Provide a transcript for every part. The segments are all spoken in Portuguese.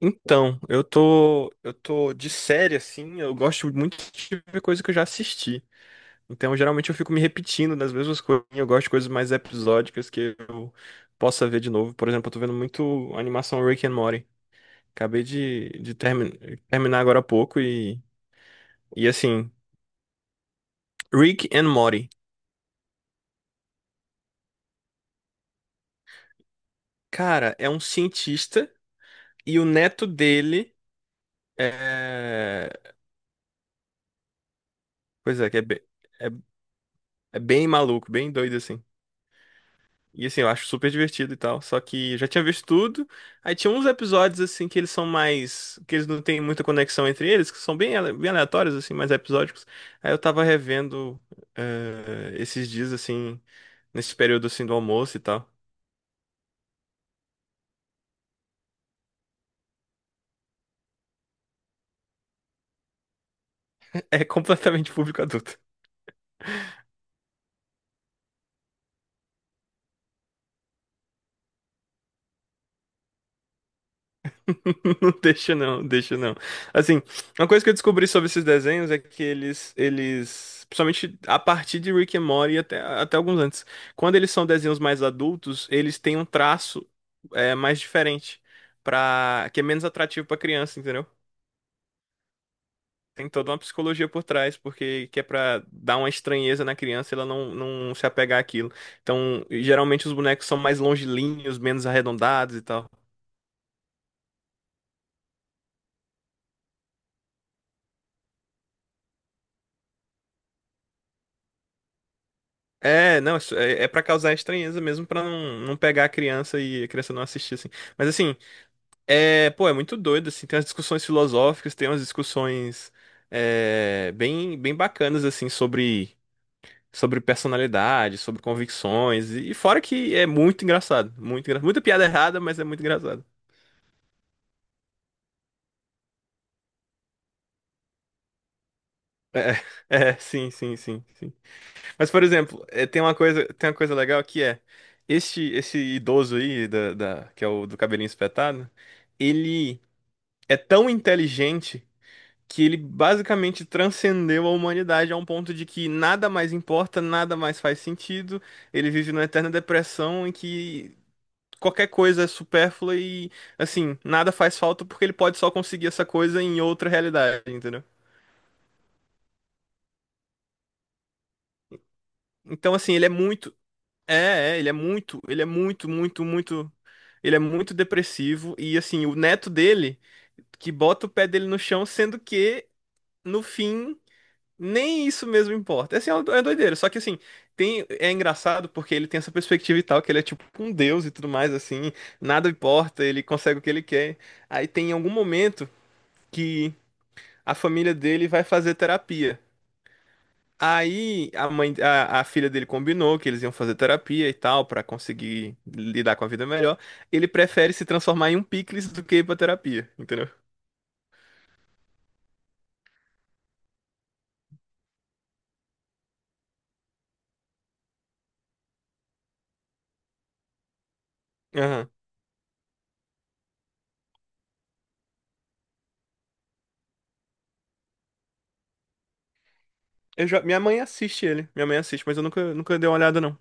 Então, eu tô de série assim, eu gosto muito de ver coisa que eu já assisti. Então, geralmente eu fico me repetindo nas mesmas coisas. Eu gosto de coisas mais episódicas que eu possa ver de novo. Por exemplo, eu tô vendo muito a animação Rick and Morty. Acabei de terminar agora há pouco e assim, Rick and Morty. Cara, é um cientista e o neto dele é, pois é, que é, é, é bem maluco, bem doido assim. E assim, eu acho super divertido e tal. Só que eu já tinha visto tudo. Aí tinha uns episódios, assim, que eles são mais. Que eles não têm muita conexão entre eles, que são bem, bem aleatórios, assim, mais episódicos. Aí eu tava revendo esses dias, assim, nesse período, assim, do almoço e tal. É completamente público adulto. Não deixa não, deixa não. Assim, uma coisa que eu descobri sobre esses desenhos é que eles, principalmente a partir de Rick and Morty e até alguns antes, quando eles são desenhos mais adultos, eles têm um traço mais diferente, que é menos atrativo pra criança, entendeu? Tem toda uma psicologia por trás, porque que é pra dar uma estranheza na criança, e ela não se apegar àquilo. Então, geralmente os bonecos são mais longilíneos, menos arredondados e tal. É, não, isso é para causar estranheza mesmo, pra não pegar a criança e a criança não assistir, assim. Mas, assim, pô, é muito doido, assim, tem umas discussões filosóficas, tem umas discussões bem, bem bacanas, assim, sobre personalidade, sobre convicções, e fora que é muito engraçado, muito engraçado. Muita piada errada, mas é muito engraçado. É, é, sim, sim, sim, sim. Mas, por exemplo, tem uma coisa legal que é, esse idoso aí, que é o do cabelinho espetado, ele é tão inteligente que ele basicamente transcendeu a humanidade a um ponto de que nada mais importa, nada mais faz sentido. Ele vive numa eterna depressão em que qualquer coisa é supérflua e, assim, nada faz falta porque ele pode só conseguir essa coisa em outra realidade, entendeu? Então, assim, ele é muito. É, ele é muito, muito, muito. Ele é muito depressivo e, assim, o neto dele que bota o pé dele no chão, sendo que, no fim. Nem isso mesmo importa. Assim é uma é doideira. Só que assim, é engraçado porque ele tem essa perspectiva e tal, que ele é tipo um deus e tudo mais, assim, nada importa, ele consegue o que ele quer. Aí tem algum momento que a família dele vai fazer terapia. Aí a filha dele combinou que eles iam fazer terapia e tal, pra conseguir lidar com a vida melhor. Ele prefere se transformar em um picles do que ir pra terapia, entendeu? Aham. Eu já. Minha mãe assiste ele. Minha mãe assiste, mas eu nunca dei uma olhada, não.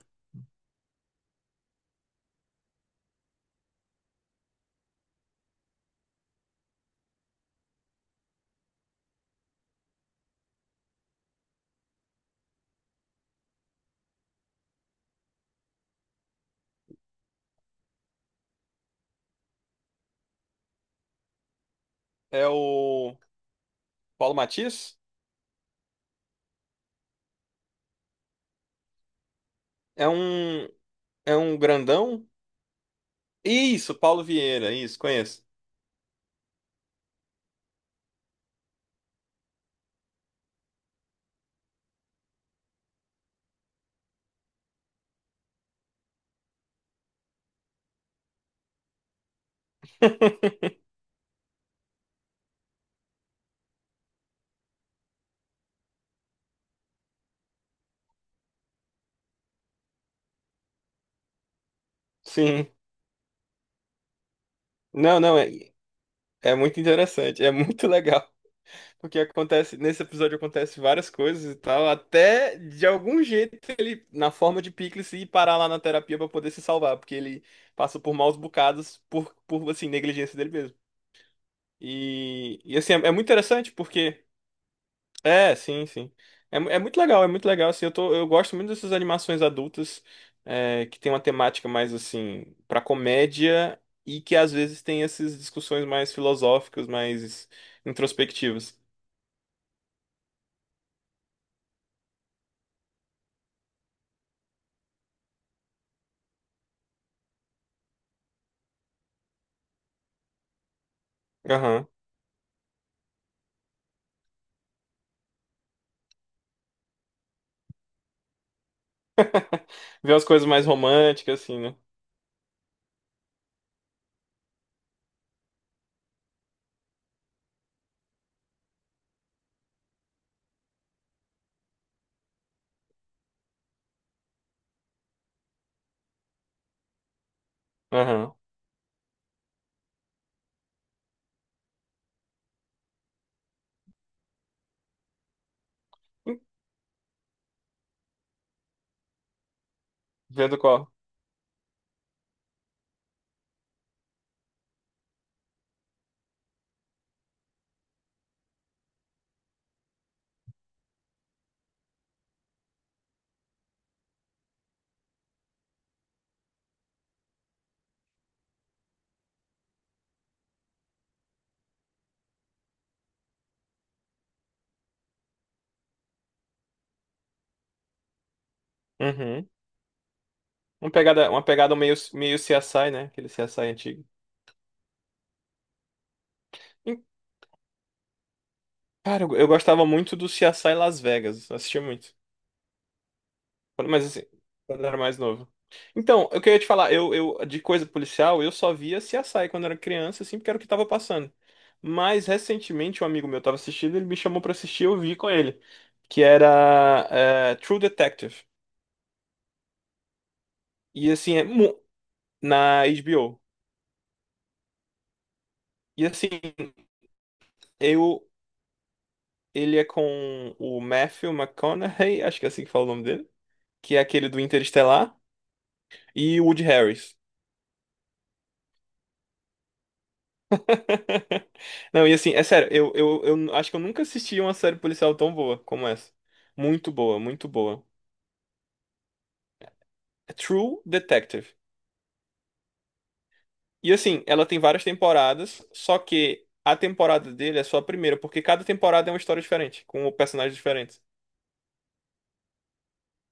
É o Paulo Matias? É um, é um grandão? Isso, Paulo Vieira, isso, conheço. Sim. Não, não, é muito interessante, é muito legal. Porque acontece, nesse episódio acontece várias coisas e tal, até de algum jeito ele, na forma de Pickles, ir parar lá na terapia pra poder se salvar, porque ele passa por maus bocados por assim, negligência dele mesmo. E assim, é muito interessante porque. É, sim, sim. É, é muito legal, assim, eu gosto muito dessas animações adultas, que tem uma temática mais, assim, pra comédia e que às vezes tem essas discussões mais filosóficas, mais introspectivas. Aham. Ver as coisas mais românticas, assim, né? Aham. Hum, Vendo qual. Uhum. Uma pegada meio CSI, né? Aquele CSI antigo. E, cara, eu gostava muito do CSI Las Vegas. Eu assistia muito. Mas assim, quando eu era mais novo. Então, eu queria te falar, eu de coisa policial, eu só via CSI quando era criança, assim, porque era o que tava passando. Mas recentemente um amigo meu tava assistindo, ele me chamou pra assistir, eu vi com ele. Que era True Detective. E assim, na HBO. E assim, eu, ele é com o Matthew McConaughey, acho que é assim que fala o nome dele, que é aquele do Interestelar, e o Woody Harris. Não, e assim, é sério, eu acho que eu nunca assisti uma série policial tão boa como essa. Muito boa, muito boa. É True Detective. E assim, ela tem várias temporadas, só que a temporada dele é só a primeira, porque cada temporada é uma história diferente, com personagens diferentes.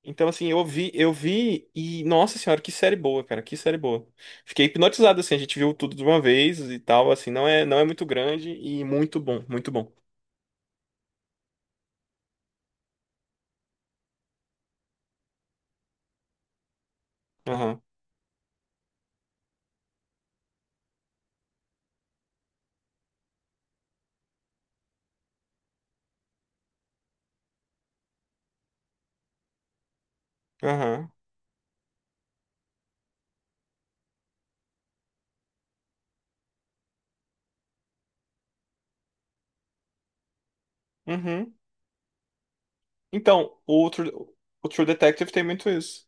Então, assim, eu vi e, nossa senhora, que série boa, cara, que série boa. Fiquei hipnotizado, assim, a gente viu tudo de uma vez e tal, assim, não é muito grande e muito bom, muito bom. Aham, aham, uhum. Então, o True Detective tem muito isso.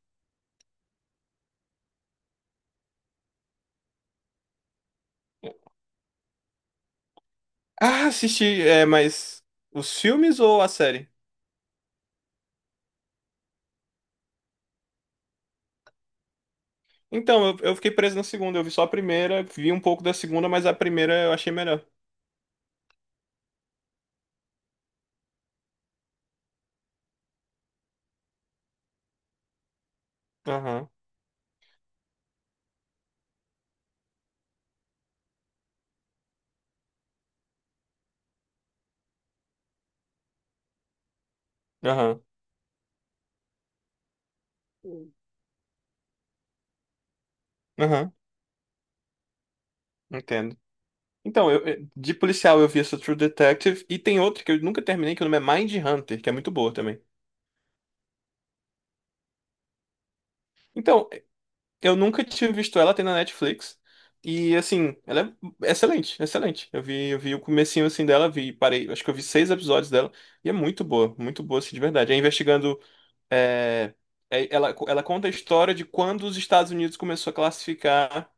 Ah, assisti, é, mas os filmes ou a série? Então, eu fiquei preso na segunda, eu vi só a primeira, vi um pouco da segunda, mas a primeira eu achei melhor. Aham, aham, aham, entendo. Então, de policial eu vi essa True Detective e tem outra que eu nunca terminei, que o nome é Mind Hunter, que é muito boa também. Então, eu nunca tinha visto ela, tem na Netflix. E assim, ela é excelente, excelente. Eu vi o comecinho assim dela, vi, parei, acho que eu vi 6 episódios dela e é muito boa assim, de verdade. É investigando, é, ela conta a história de quando os Estados Unidos começou a classificar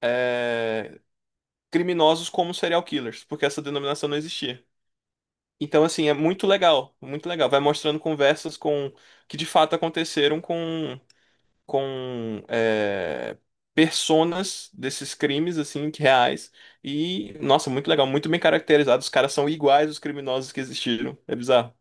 é, criminosos como serial killers, porque essa denominação não existia. Então, assim, é muito legal, muito legal. Vai mostrando conversas com que de fato aconteceram com personas desses crimes, assim, que reais. E, nossa, muito legal, muito bem caracterizado. Os caras são iguais os criminosos que existiram. É bizarro.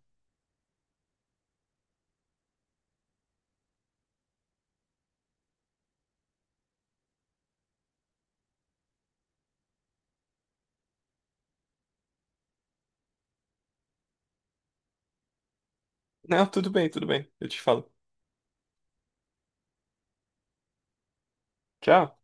Não, tudo bem, tudo bem. Eu te falo. Tchau.